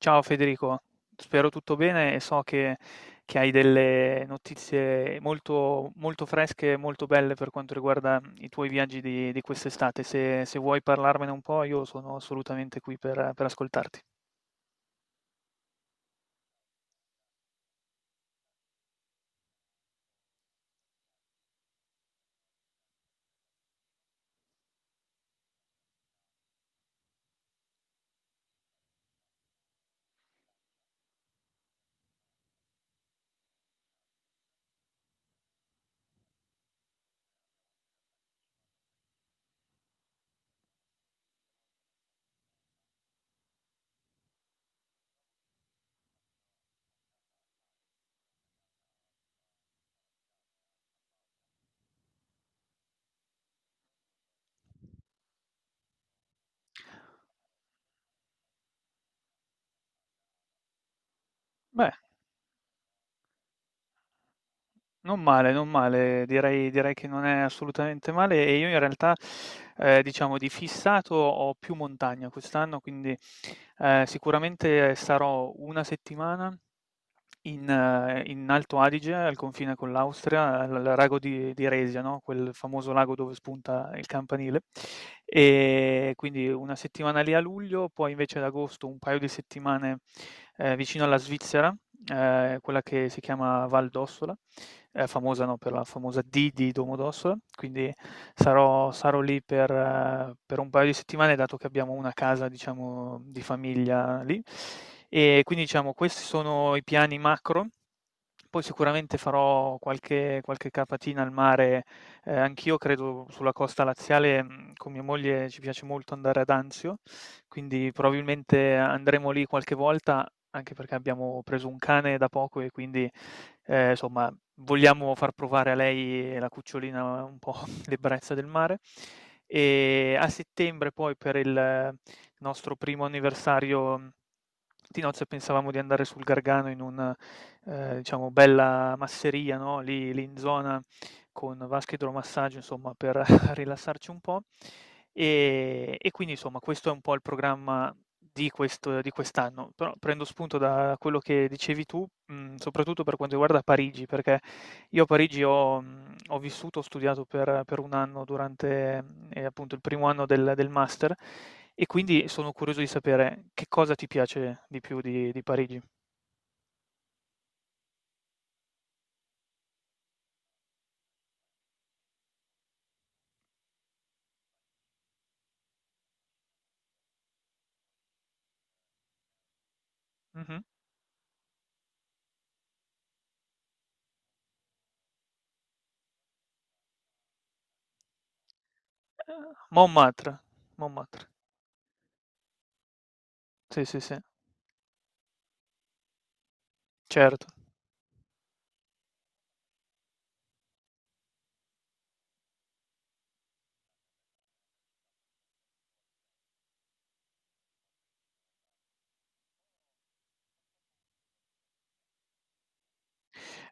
Ciao Federico, spero tutto bene e so che hai delle notizie molto, molto fresche e molto belle per quanto riguarda i tuoi viaggi di quest'estate. Se vuoi parlarmene un po', io sono assolutamente qui per ascoltarti. Beh, non male, non male, direi che non è assolutamente male e io in realtà, diciamo, di fissato ho più montagna quest'anno, quindi sicuramente sarò una settimana in Alto Adige, al confine con l'Austria, al lago di Resia, no, quel famoso lago dove spunta il campanile. Quindi una settimana lì a luglio, poi invece ad agosto un paio di settimane, vicino alla Svizzera, quella che si chiama Val d'Ossola, è famosa, no, per la famosa D di Domodossola, quindi sarò lì per un paio di settimane, dato che abbiamo una casa, diciamo, di famiglia lì. E quindi, diciamo, questi sono i piani macro. Poi sicuramente farò qualche capatina al mare, anch'io credo sulla costa laziale, con mia moglie ci piace molto andare ad Anzio, quindi probabilmente andremo lì qualche volta, anche perché abbiamo preso un cane da poco e quindi, somma vogliamo far provare a lei e la cucciolina un po' l'ebbrezza del mare. E a settembre poi per il nostro primo anniversario di nozze pensavamo di andare sul Gargano in un diciamo bella masseria, no, lì in zona con vasca idromassaggio insomma per rilassarci un po'. E quindi insomma questo è un po' il programma di questo di quest'anno. Però prendo spunto da quello che dicevi tu, soprattutto per quanto riguarda Parigi, perché io a Parigi ho vissuto, ho studiato per 1 anno durante, appunto il primo anno del master e quindi sono curioso di sapere che cosa ti piace di più di Parigi. Mh-mh. Montmartre, Montmartre. Sì, sì, sì, certo.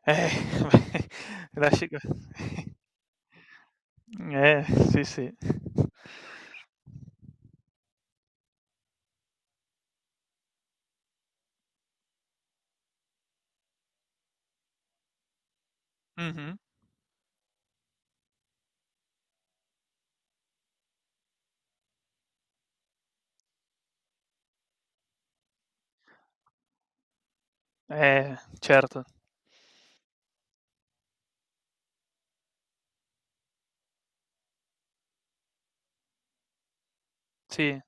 Eh, beh, lasci che eh, sì, sì. Mh-mh. Certo. Sì.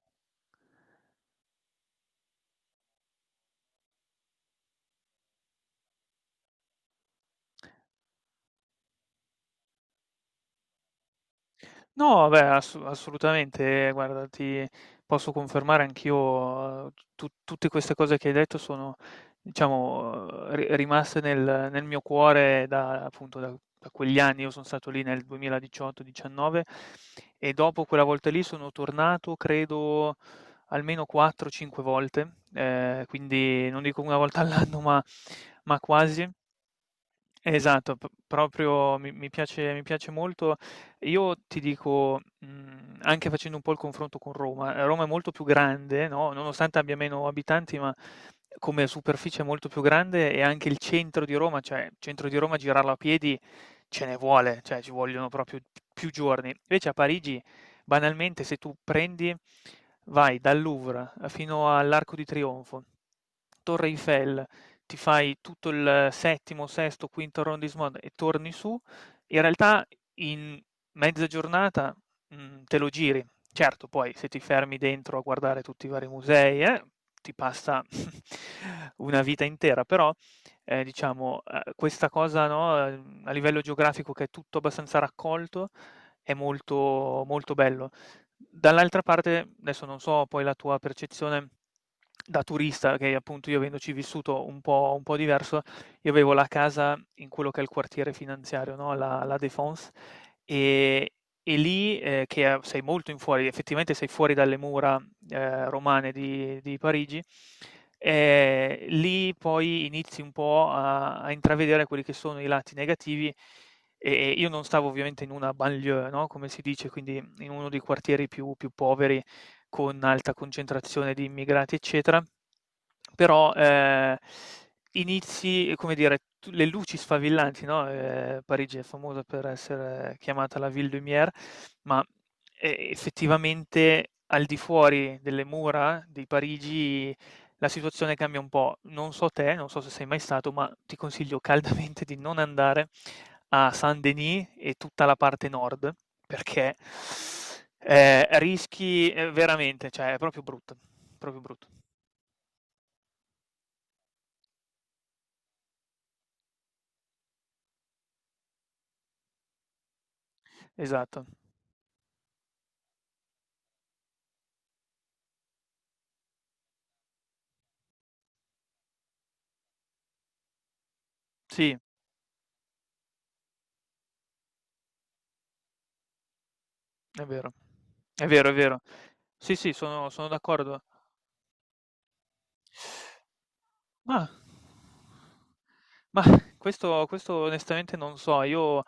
No, beh, assolutamente, guarda, ti posso confermare anch'io, tu tutte queste cose che hai detto sono, diciamo, ri rimaste nel mio cuore da appunto, da quegli anni. Io son stato lì nel 2018, 19 e dopo quella volta lì sono tornato credo almeno 4, 5 volte, quindi non dico 1 volta all'anno, ma quasi. Esatto, p proprio mi piace molto. Io ti dico, anche facendo un po' il confronto con Roma, Roma è molto più grande, no, nonostante abbia meno abitanti, ma come superficie è molto più grande e anche il centro di Roma, cioè il centro di Roma girarlo a piedi ce ne vuole, cioè ci vogliono proprio più giorni. Invece a Parigi, banalmente, se tu prendi vai dal Louvre fino all'Arco di Trionfo, Torre Eiffel, ti fai tutto il settimo, sesto, quinto arrondissement e torni su, in realtà in mezza giornata, te lo giri. Certo, poi se ti fermi dentro a guardare tutti i vari musei, ti passa una vita intera, però, diciamo, questa cosa, no, a livello geografico che è tutto abbastanza raccolto, è molto molto bello. Dall'altra parte, adesso non so poi la tua percezione da turista, che appunto io avendoci vissuto un po' diverso, io avevo la casa in quello che è il quartiere finanziario, no, la Défense, ehm, e lì, che a sei molto in fuori, effettivamente sei fuori dalle mura, romane di Parigi, lì poi inizi un po' a intravedere quelli che sono i lati negativi e io non stavo ovviamente in una banlieue, no, come si dice, quindi in uno dei quartieri più poveri con alta concentrazione di immigrati, eccetera. Però, inizi, come dire, tu le luci sfavillanti, no, Parigi è famosa per essere chiamata la ville lumière, ma, effettivamente al di fuori delle mura di Parigi la situazione cambia un po'. Non so te, non so se sei mai stato, ma ti consiglio caldamente di non andare a Saint-Denis e tutta la parte nord, perché, rischi, veramente, cioè è proprio brutto, proprio brutto. Esatto. Sì, è vero. È vero, è vero. Sì, sì, sono d'accordo. Ma Mah, questo onestamente non so. Io,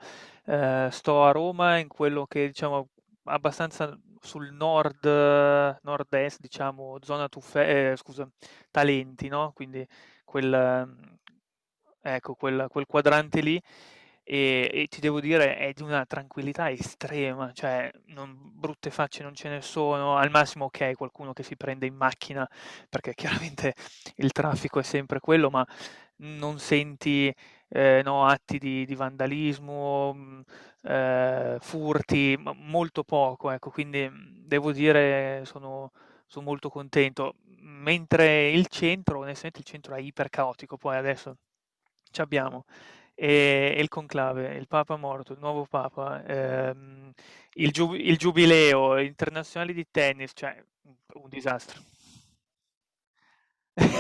sto a Roma in quello che diciamo abbastanza sul nord nord-est diciamo, zona Tuffe scusa, Talenti, no, quindi quel mhmm, ecco quel quadrante lì e ti devo dire è di una tranquillità estrema, cioè non brutte facce non ce ne sono, al massimo okay, qualcuno che si prende in macchina, perché chiaramente il traffico è sempre quello, ma non senti, no, atti di vandalismo, furti, ma molto poco, ecco. Quindi, devo dire son molto contento. Mentre il centro, onestamente il centro è ipercaotico, poi adesso c'abbiamo, e il conclave, il papa morto, il nuovo papa, il giubileo, internazionali di tennis, cioè, mhmm, un disastro.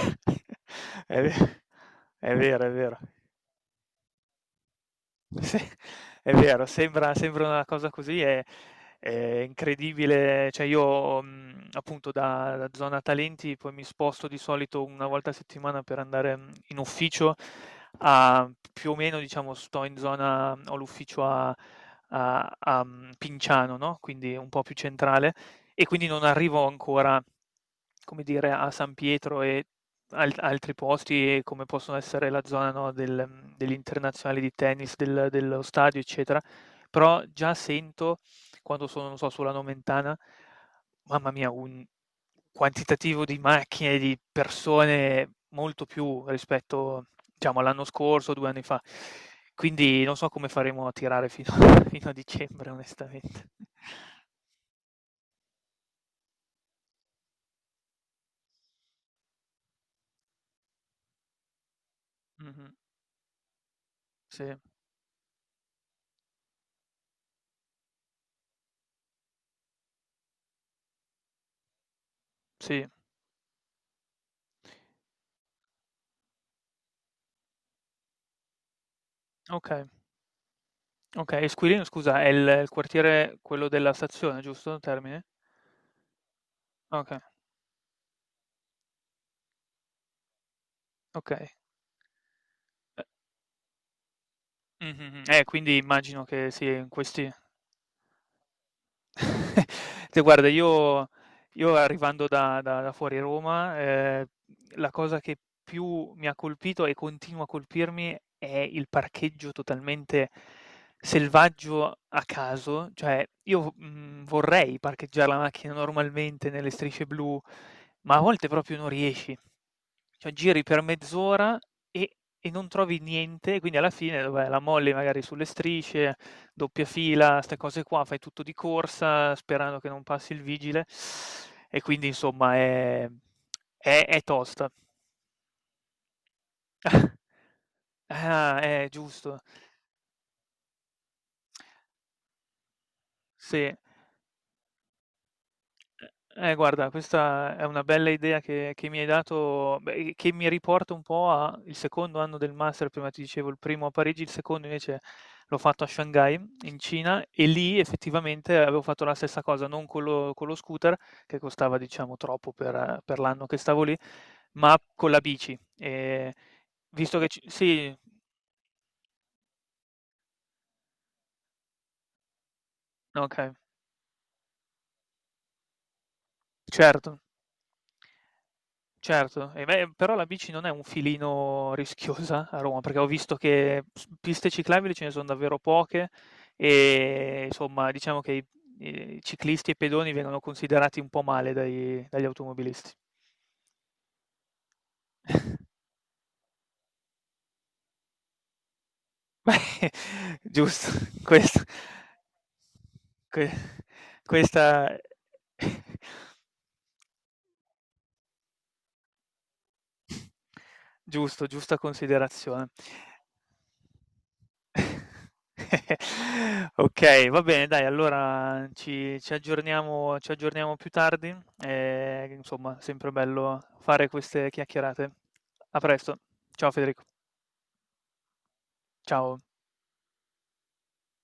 È ve è vero, è vero. Sì, è vero, sembra una cosa così, è incredibile. Cioè io, appunto da zona talenti poi mi sposto di solito 1 volta a settimana per andare, in ufficio a più o meno diciamo sto in zona ho l'ufficio a Pinciano, no, quindi un po' più centrale e quindi non arrivo ancora, come dire, a San Pietro e altri posti e come possono essere la zona, no, del, degli internazionali di tennis, dello stadio, eccetera. Però già sento quando sono, non so, sulla Nomentana, mamma mia, un quantitativo di macchine, di persone molto più rispetto, diciamo, all'anno scorso, 2 anni fa. Quindi non so come faremo a tirare fino fino a dicembre onestamente. Mh-mh, sì. Sì, okay, okay. E Squirino scusa è il quartiere quello della stazione, giusto? Termini? Okay, okay. Eh, mh-mh-mh. Quindi immagino che sì, in questi te guarda io arrivando da fuori Roma, la cosa che più mi ha colpito e continua a colpirmi è il parcheggio totalmente selvaggio a caso, cioè io vorrei parcheggiare la macchina normalmente nelle strisce blu, ma a volte proprio non riesci. Cioè giri per mezz'ora e non trovi niente, e quindi alla fine dov'è, la molli magari sulle strisce, doppia fila, 'ste cose qua, fai tutto di corsa sperando che non passi il vigile e quindi insomma è è tosta. Ah, giusto. Sì. Eh, guarda, questa è una bella idea che mi hai dato, beh, che mi riporta un po' a il secondo anno del master, prima ti dicevo il primo a Parigi, il secondo invece l'ho fatto a Shanghai, in Cina, e lì effettivamente avevo fatto la stessa cosa, non con lo, con lo scooter, che costava diciamo troppo per l'anno che stavo lì, ma con la bici. E visto che... sì, ok, certo. Certo, e beh, però la bici non è un filino rischiosa a Roma? Perché ho visto che s piste ciclabili ce ne son davvero poche e insomma diciamo che i ciclisti e i pedoni vengono considerati un po' male dai dagli automobilisti. Beh, giusto, questo que questa Giusto, giusta considerazione. Okay, va bene dai, allora ci aggiorniamo più tardi, insomma sempre bello fare queste chiacchierate. A presto. Ciao Federico. Ciao.